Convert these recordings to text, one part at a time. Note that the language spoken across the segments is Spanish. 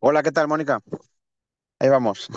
Hola, ¿qué tal, Mónica? Ahí vamos.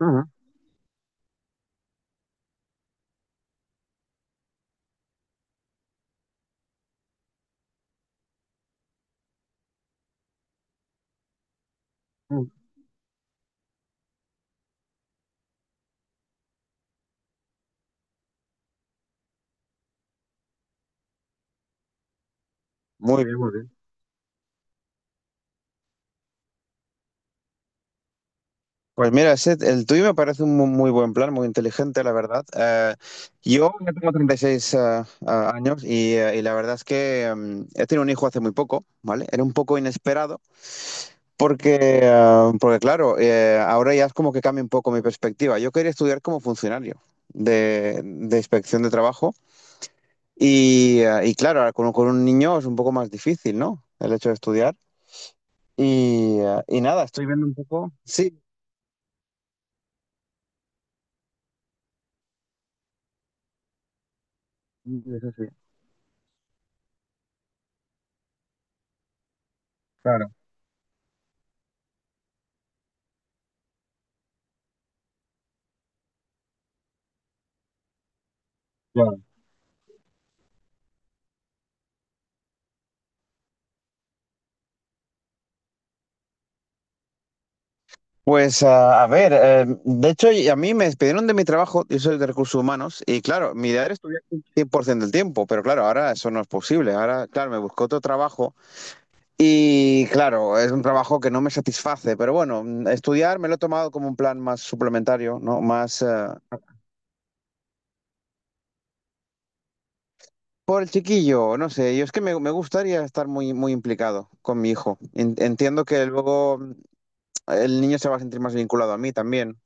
Ajá. mm, Muy bien, muy bien. Pues mira, el tuyo me parece un muy buen plan, muy inteligente, la verdad. Yo ya tengo 36 años y la verdad es que he tenido un hijo hace muy poco, ¿vale? Era un poco inesperado porque, porque claro, ahora ya es como que cambia un poco mi perspectiva. Yo quería estudiar como funcionario de inspección de trabajo y claro, ahora con un niño es un poco más difícil, ¿no? El hecho de estudiar. Y, y nada, estoy viendo un poco. Sí, eso sí, claro, claro. Pues a ver, de hecho y a mí me despidieron de mi trabajo, yo soy de recursos humanos, y claro, mi idea era estudiar un 100% del tiempo, pero claro, ahora eso no es posible. Ahora, claro, me busco otro trabajo y claro, es un trabajo que no me satisface, pero bueno, estudiar me lo he tomado como un plan más suplementario, ¿no? Más por el chiquillo, no sé, yo es que me gustaría estar muy, muy implicado con mi hijo. Entiendo que luego el niño se va a sentir más vinculado a mí también.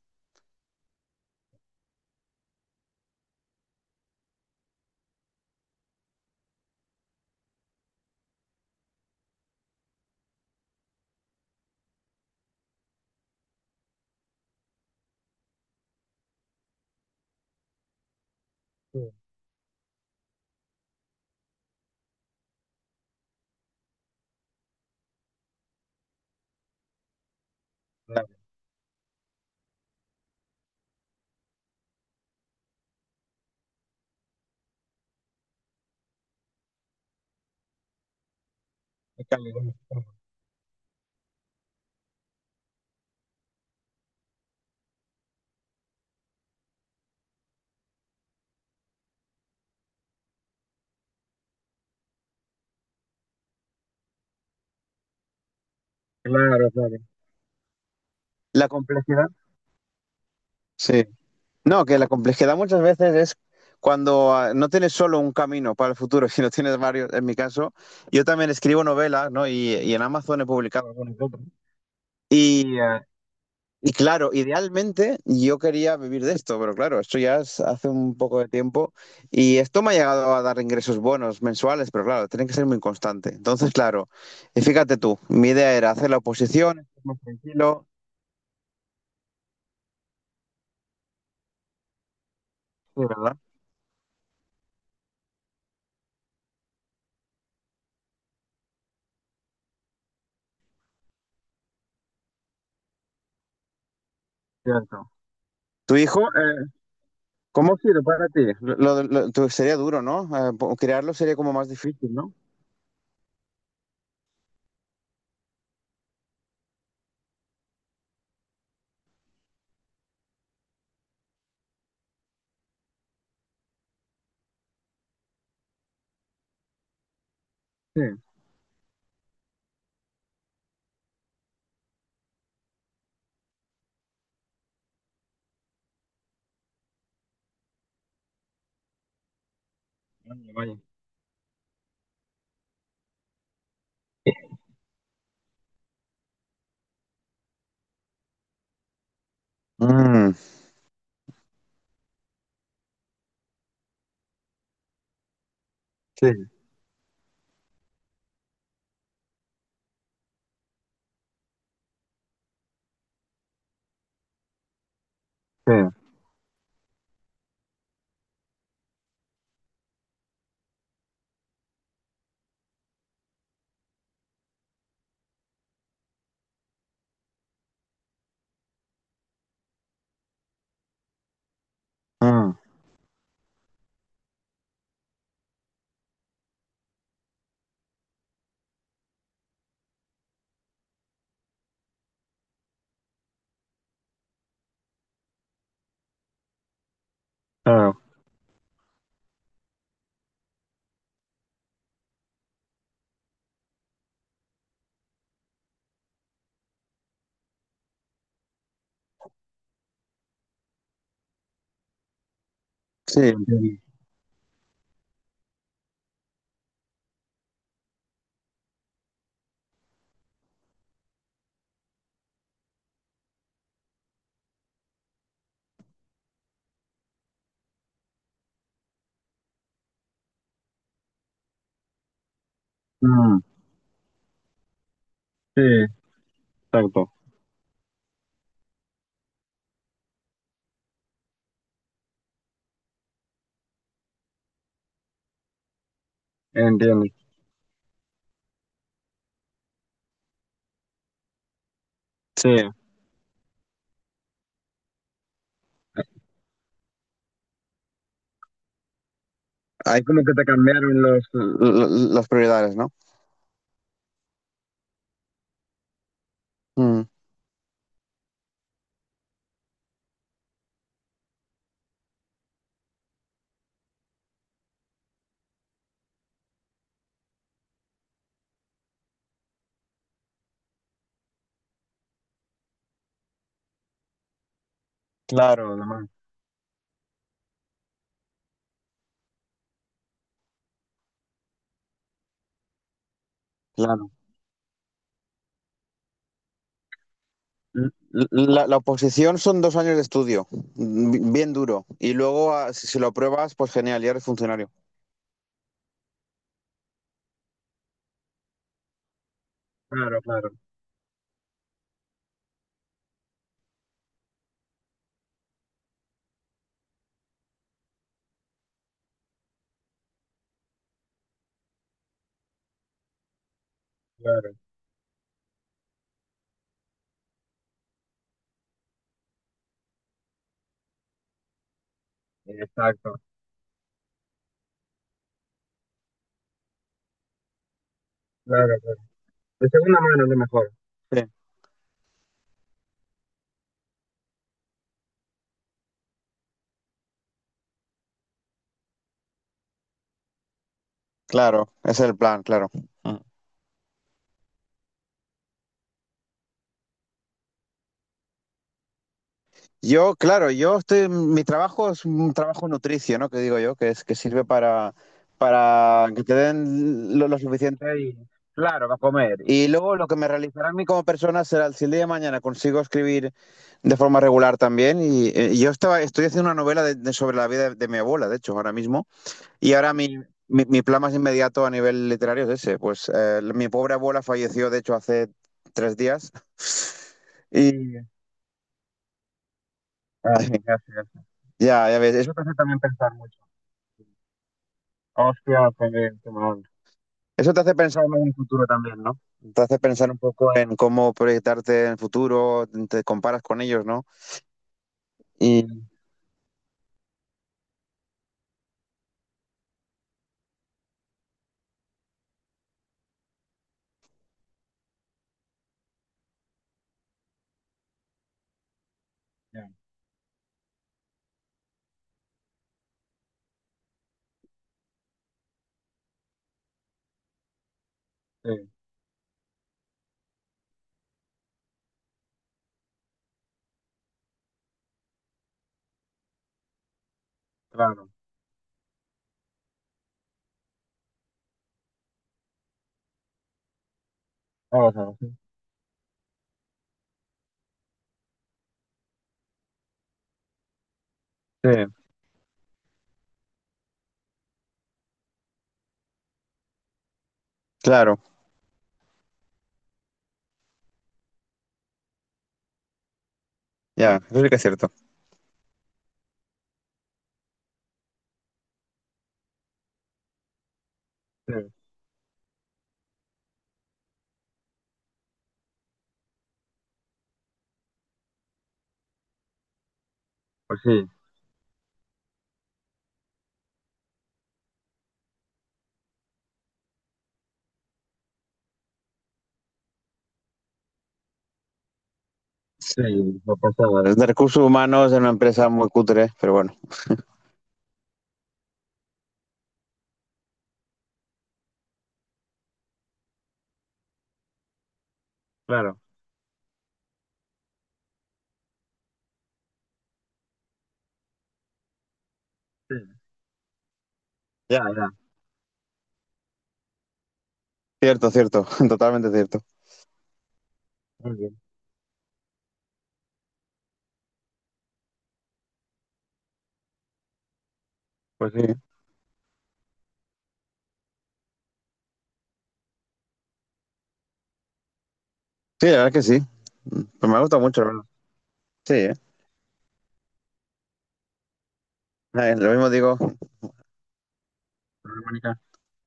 Claro, claro, claro. La complejidad. Sí. No, que la complejidad muchas veces es cuando no tienes solo un camino para el futuro, sino tienes varios. En mi caso, yo también escribo novelas, ¿no? Y en Amazon he publicado algunas otras. Y y claro, idealmente yo quería vivir de esto, pero claro, esto ya es hace un poco de tiempo y esto me ha llegado a dar ingresos buenos mensuales, pero claro, tiene que ser muy constante. Entonces, claro, y fíjate tú, mi idea era hacer la oposición, estar más tranquilo, sí, ¿verdad? Cierto. Tu hijo, ¿cómo ha sido para ti? Sería duro, ¿no? Crearlo sería como más difícil, ¿no? Sí, vaya, vaya. Mm, sí, sí, mm, claro. Sí, entiendo. Mm, sí, exacto. Entiendo. Sí, ahí como que te cambiaron las prioridades, ¿no? Mm. Claro, Alemán, claro. La oposición son 2 años de estudio, bien duro. Y luego, si, si lo apruebas, pues genial, ya eres funcionario. Claro, claro, claro. Exacto. Claro, claro. De segunda mano, a lo mejor. Sí. Claro, ese es el plan, claro. Mm. Yo, claro, yo estoy, mi trabajo es un trabajo nutricio, ¿no? Que digo yo, que es que sirve para que te den lo suficiente y, claro, para comer. Y luego lo que me realizará a mí como persona será si el día de mañana consigo escribir de forma regular también. Y, yo estaba, estoy haciendo una novela sobre la vida de mi abuela, de hecho, ahora mismo. Y ahora mi plan más inmediato a nivel literario es ese. Pues mi pobre abuela falleció, de hecho, hace 3 días. Y, ay, gracias. Ya, ya ves, eso te hace también pensar mucho. Hostia, qué, qué mal. Eso te hace pensar en el futuro también, ¿no? Te hace pensar un poco en cómo proyectarte en el futuro, te comparas con ellos, ¿no? Y... Ya, sí, claro. Vamos a ver, sí. Sí, claro, ya, eso sí que es cierto. Sí, pues sí, sí, lo pasaba. Los de recursos humanos es una empresa muy cutre, pero bueno. Claro, sí. Ya, ya. Cierto, cierto, totalmente cierto. Muy bien, pues sí. Sí, la verdad es que sí. Pues me ha gustado mucho, la verdad. Sí, ¿eh? Lo mismo digo. Problema